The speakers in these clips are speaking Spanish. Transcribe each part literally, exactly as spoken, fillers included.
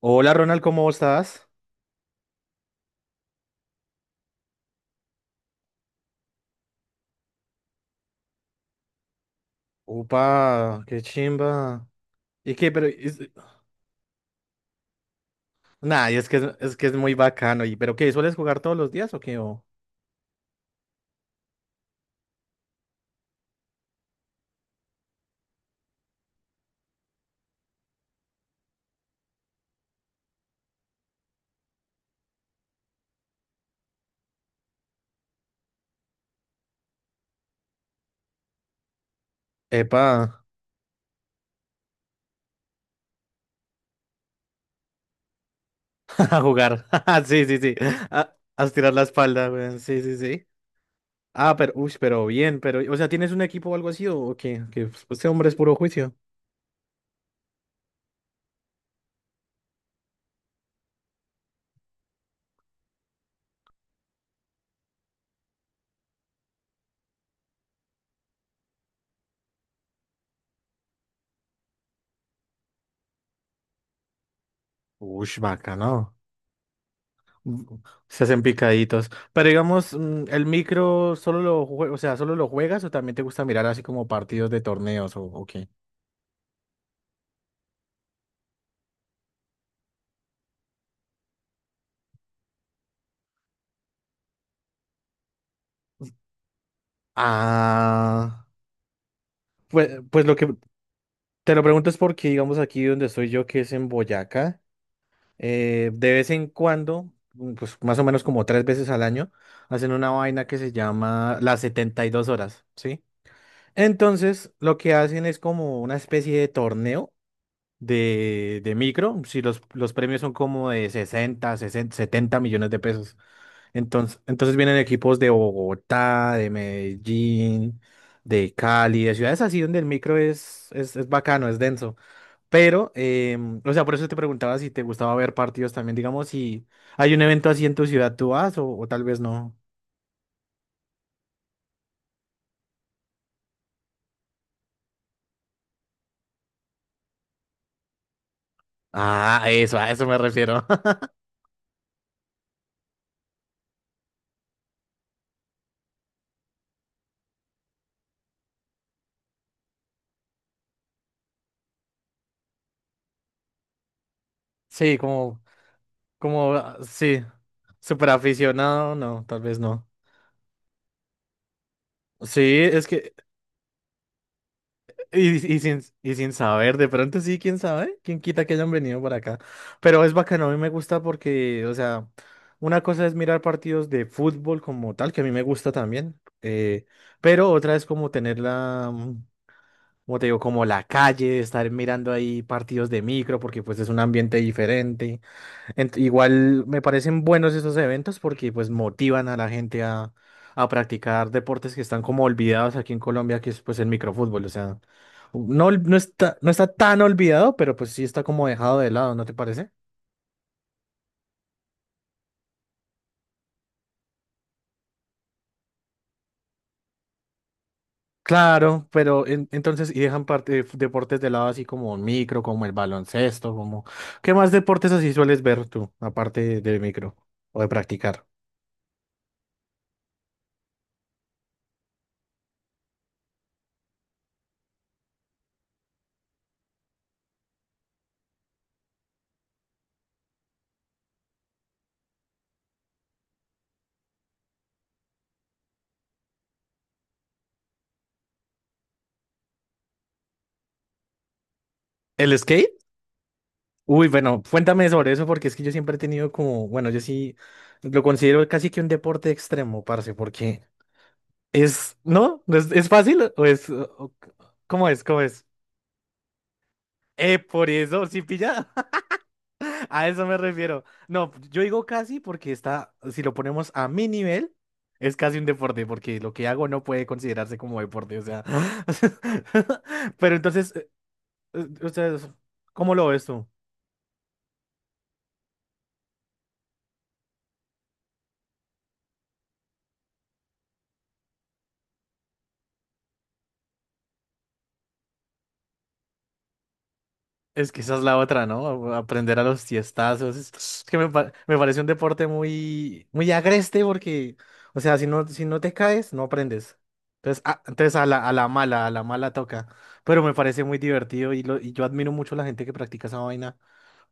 Hola Ronald, ¿cómo estás? Upa, qué chimba. ¿Y qué? Pero es- nah, y es que es, es que es muy bacano. ¿Y pero qué? ¿Sueles jugar todos los días o qué? O- Epa, a jugar. Sí, sí, sí. A, a estirar la espalda, weón. Sí, sí, sí. Ah, pero, uy, pero bien, pero, o sea, ¿tienes un equipo o algo así o qué? Que pues, este hombre es puro juicio. Uy, bacano. Mm, Se hacen picaditos. Pero digamos, mm, el micro solo lo jue- o sea, solo lo juegas, o también te gusta mirar así como partidos de torneos, o ¿o qué? Ah, pues, pues lo que te lo pregunto es porque, digamos, aquí donde estoy yo, que es en Boyacá, eh, de vez en cuando, mm, pues más o menos como tres veces al año, hacen una vaina que se llama las setenta y dos horas, ¿sí? Entonces, lo que hacen es como una especie de torneo de, de micro, si los, los premios son como de sesenta 60, setenta millones de pesos. Entonces, entonces vienen equipos de Bogotá, de Medellín, de Cali, de ciudades así donde el micro es, es, es bacano, es denso. Pero, em, o sea, por eso te preguntaba si te gustaba ver partidos también. Digamos, si hay un evento así en tu ciudad, ¿tú vas o, o tal vez no? Ah, eso, a eso me refiero. Sí, como, como, ah, sí, súper aficionado, no, tal vez no. Sí, es que Y, y sin, y sin saber, de pronto sí, quién sabe, quién quita que hayan venido para acá. Pero es bacano, a mí me gusta porque, o sea, una cosa es mirar partidos de fútbol como tal, que a mí me gusta también, eh, pero otra es como tener la, mm, como te digo, como la calle, estar mirando ahí partidos de micro, porque pues es un ambiente diferente. Ent- igual me parecen buenos esos eventos porque pues motivan a la gente a, a practicar deportes que están como olvidados aquí en Colombia, que es pues el microfútbol. O sea, no, ol- no está, no está tan olvidado, pero pues sí está como dejado de lado, ¿no te parece? Claro, pero en- entonces, y dejan parte de f- deportes de lado así como el micro, como el baloncesto, como... ¿Qué más deportes así sueles ver tú, aparte de micro o de practicar? ¿El skate? Uy, bueno, cuéntame sobre eso porque es que yo siempre he tenido como, bueno, yo sí lo considero casi que un deporte extremo, parce, porque es, ¿no? ¿No? ¿Es, es fácil o es, o- cómo es, cómo es? Eh, por eso, sí pilla, a eso me refiero. No, yo digo casi porque está, si lo ponemos a mi nivel, es casi un deporte, porque lo que hago no puede considerarse como deporte, o sea. Pero entonces, eh, eh, o sea, ¿cómo lo ves tú? Es que esa es la otra, ¿no? A- Aprender a los tiestazos. Es, es que me, pa- me parece un deporte muy, muy agreste porque, o sea, si no, si no te caes, no aprendes. Entonces, a, entonces a la, a la mala, a la mala toca. Pero me parece muy divertido y, lo, y yo admiro mucho a la gente que practica esa vaina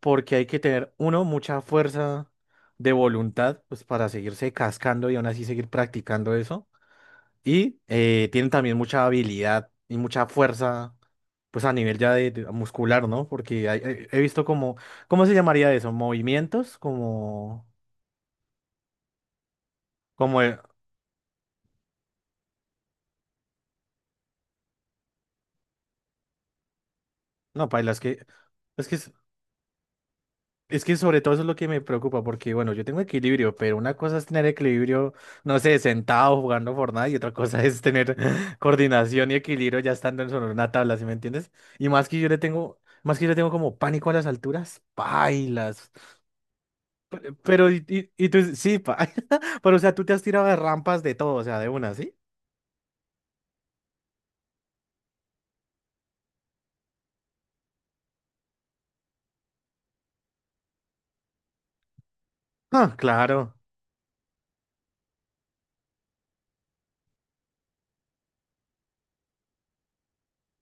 porque hay que tener, uno, mucha fuerza de voluntad pues, para seguirse cascando y aún así seguir practicando eso. Y eh, tienen también mucha habilidad y mucha fuerza, pues a nivel ya de, de muscular, ¿no? Porque hay- he, he visto como, ¿cómo se llamaría eso? Movimientos, como, como, eh, no, paila, es que, es que, es es que sobre todo eso es lo que me preocupa, porque bueno, yo tengo equilibrio, pero una cosa es tener equilibrio, no sé, sentado jugando Fortnite, y otra cosa es tener coordinación y equilibrio ya estando en sobre una tabla, ¿sí me entiendes? Y más que yo le tengo, más que yo le tengo como pánico a las alturas, pailas. Pero, y, y, y tú, sí, pa. Pero, o sea, tú te has tirado de rampas de todo, o sea, de una, ¿sí? Ah, claro.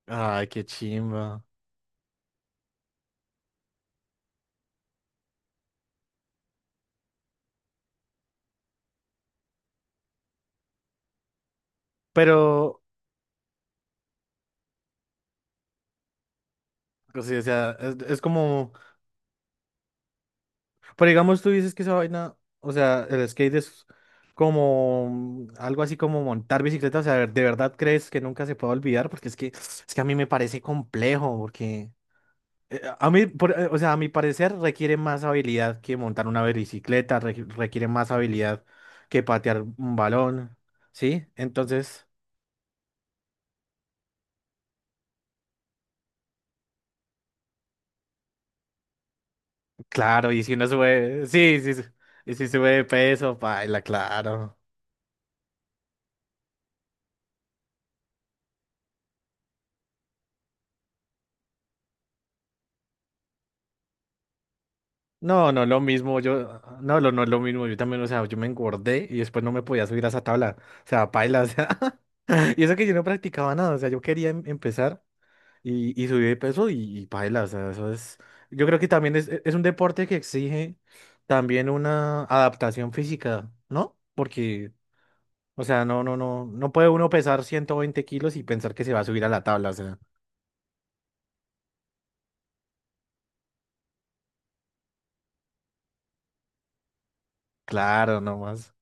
Ay, qué chimba. Pero, pues sí, o sea, es, es como, pero digamos, tú dices que esa vaina, o sea, el skate es como mm, algo así como montar bicicleta, o sea, ¿de verdad crees que nunca se puede olvidar? Porque es que, es que a mí me parece complejo, porque, Eh, a mí, por- eh, o sea, a mi parecer requiere más habilidad que montar una bicicleta, re- requiere más habilidad que patear un balón, ¿sí? Entonces, claro, y si uno sube, sí, sí, sí, y si sube de peso, paila, claro. No, no es lo mismo, yo, no, lo- no es lo mismo, yo también, o sea, yo me engordé y después no me podía subir a esa tabla, o sea, paila, o sea, y eso que yo no practicaba nada, o sea, yo quería em- empezar. y, y subí de peso y, y paila, o sea, eso es, yo creo que también es, e, es un deporte que exige también una adaptación física, ¿no? Porque, o sea, no, no, no, no puede uno pesar ciento veinte kilos y pensar que se va a subir a la tabla, o sea, claro, nomás,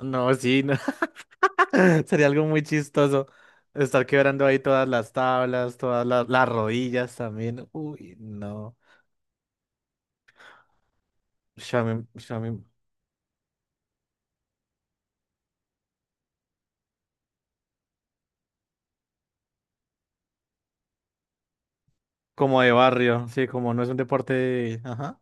no, sí, no. Sería algo muy chistoso estar quebrando ahí todas las tablas, todas las, las rodillas también, uy, no, ush, a mí- ush, a mí- como de barrio, sí, como no es un deporte, ajá.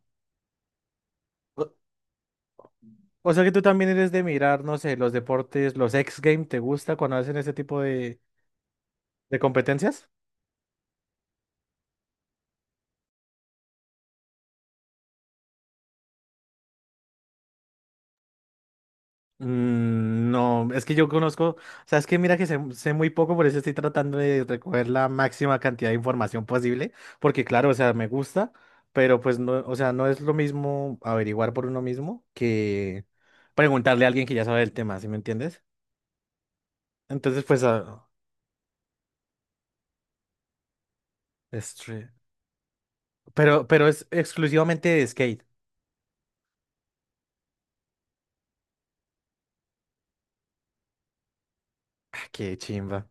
O sea que tú también eres de mirar, no sé, los deportes, los X Games, ¿te gusta cuando hacen ese tipo de, de competencias? Mm, no, es que yo conozco, o sea, es que mira que sé, sé muy poco, por eso estoy tratando de recoger la máxima cantidad de información posible, porque claro, o sea, me gusta, pero pues no, o sea, no es lo mismo averiguar por uno mismo que preguntarle a alguien que ya sabe del tema, ¿sí me entiendes? Entonces, pues, ah, este, pero, pero es exclusivamente de skate. Ah, qué chimba.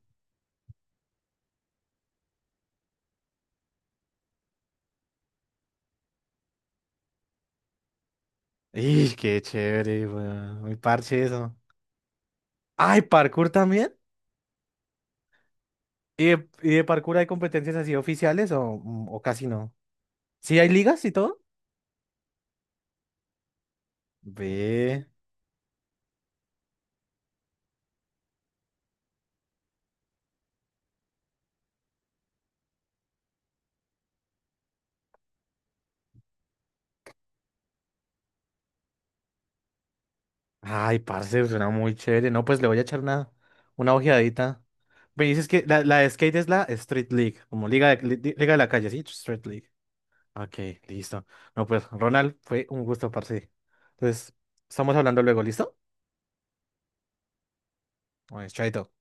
¡Y qué chévere, weón! Muy parche eso. ¡Ay, parkour también! ¿Y de, y de parkour hay competencias así oficiales o, mm, o casi no? ¿Sí hay ligas y todo? Ve. Ay, parce, suena muy chévere. No, pues le voy a echar una, una ojeadita. Me dices que la, la de skate es la Street League, como liga de, li- liga de la calle, ¿sí? Street League. Ok, listo. No, pues, Ronald, fue un gusto, parce. Entonces, estamos hablando luego, ¿listo? Bueno, chaito.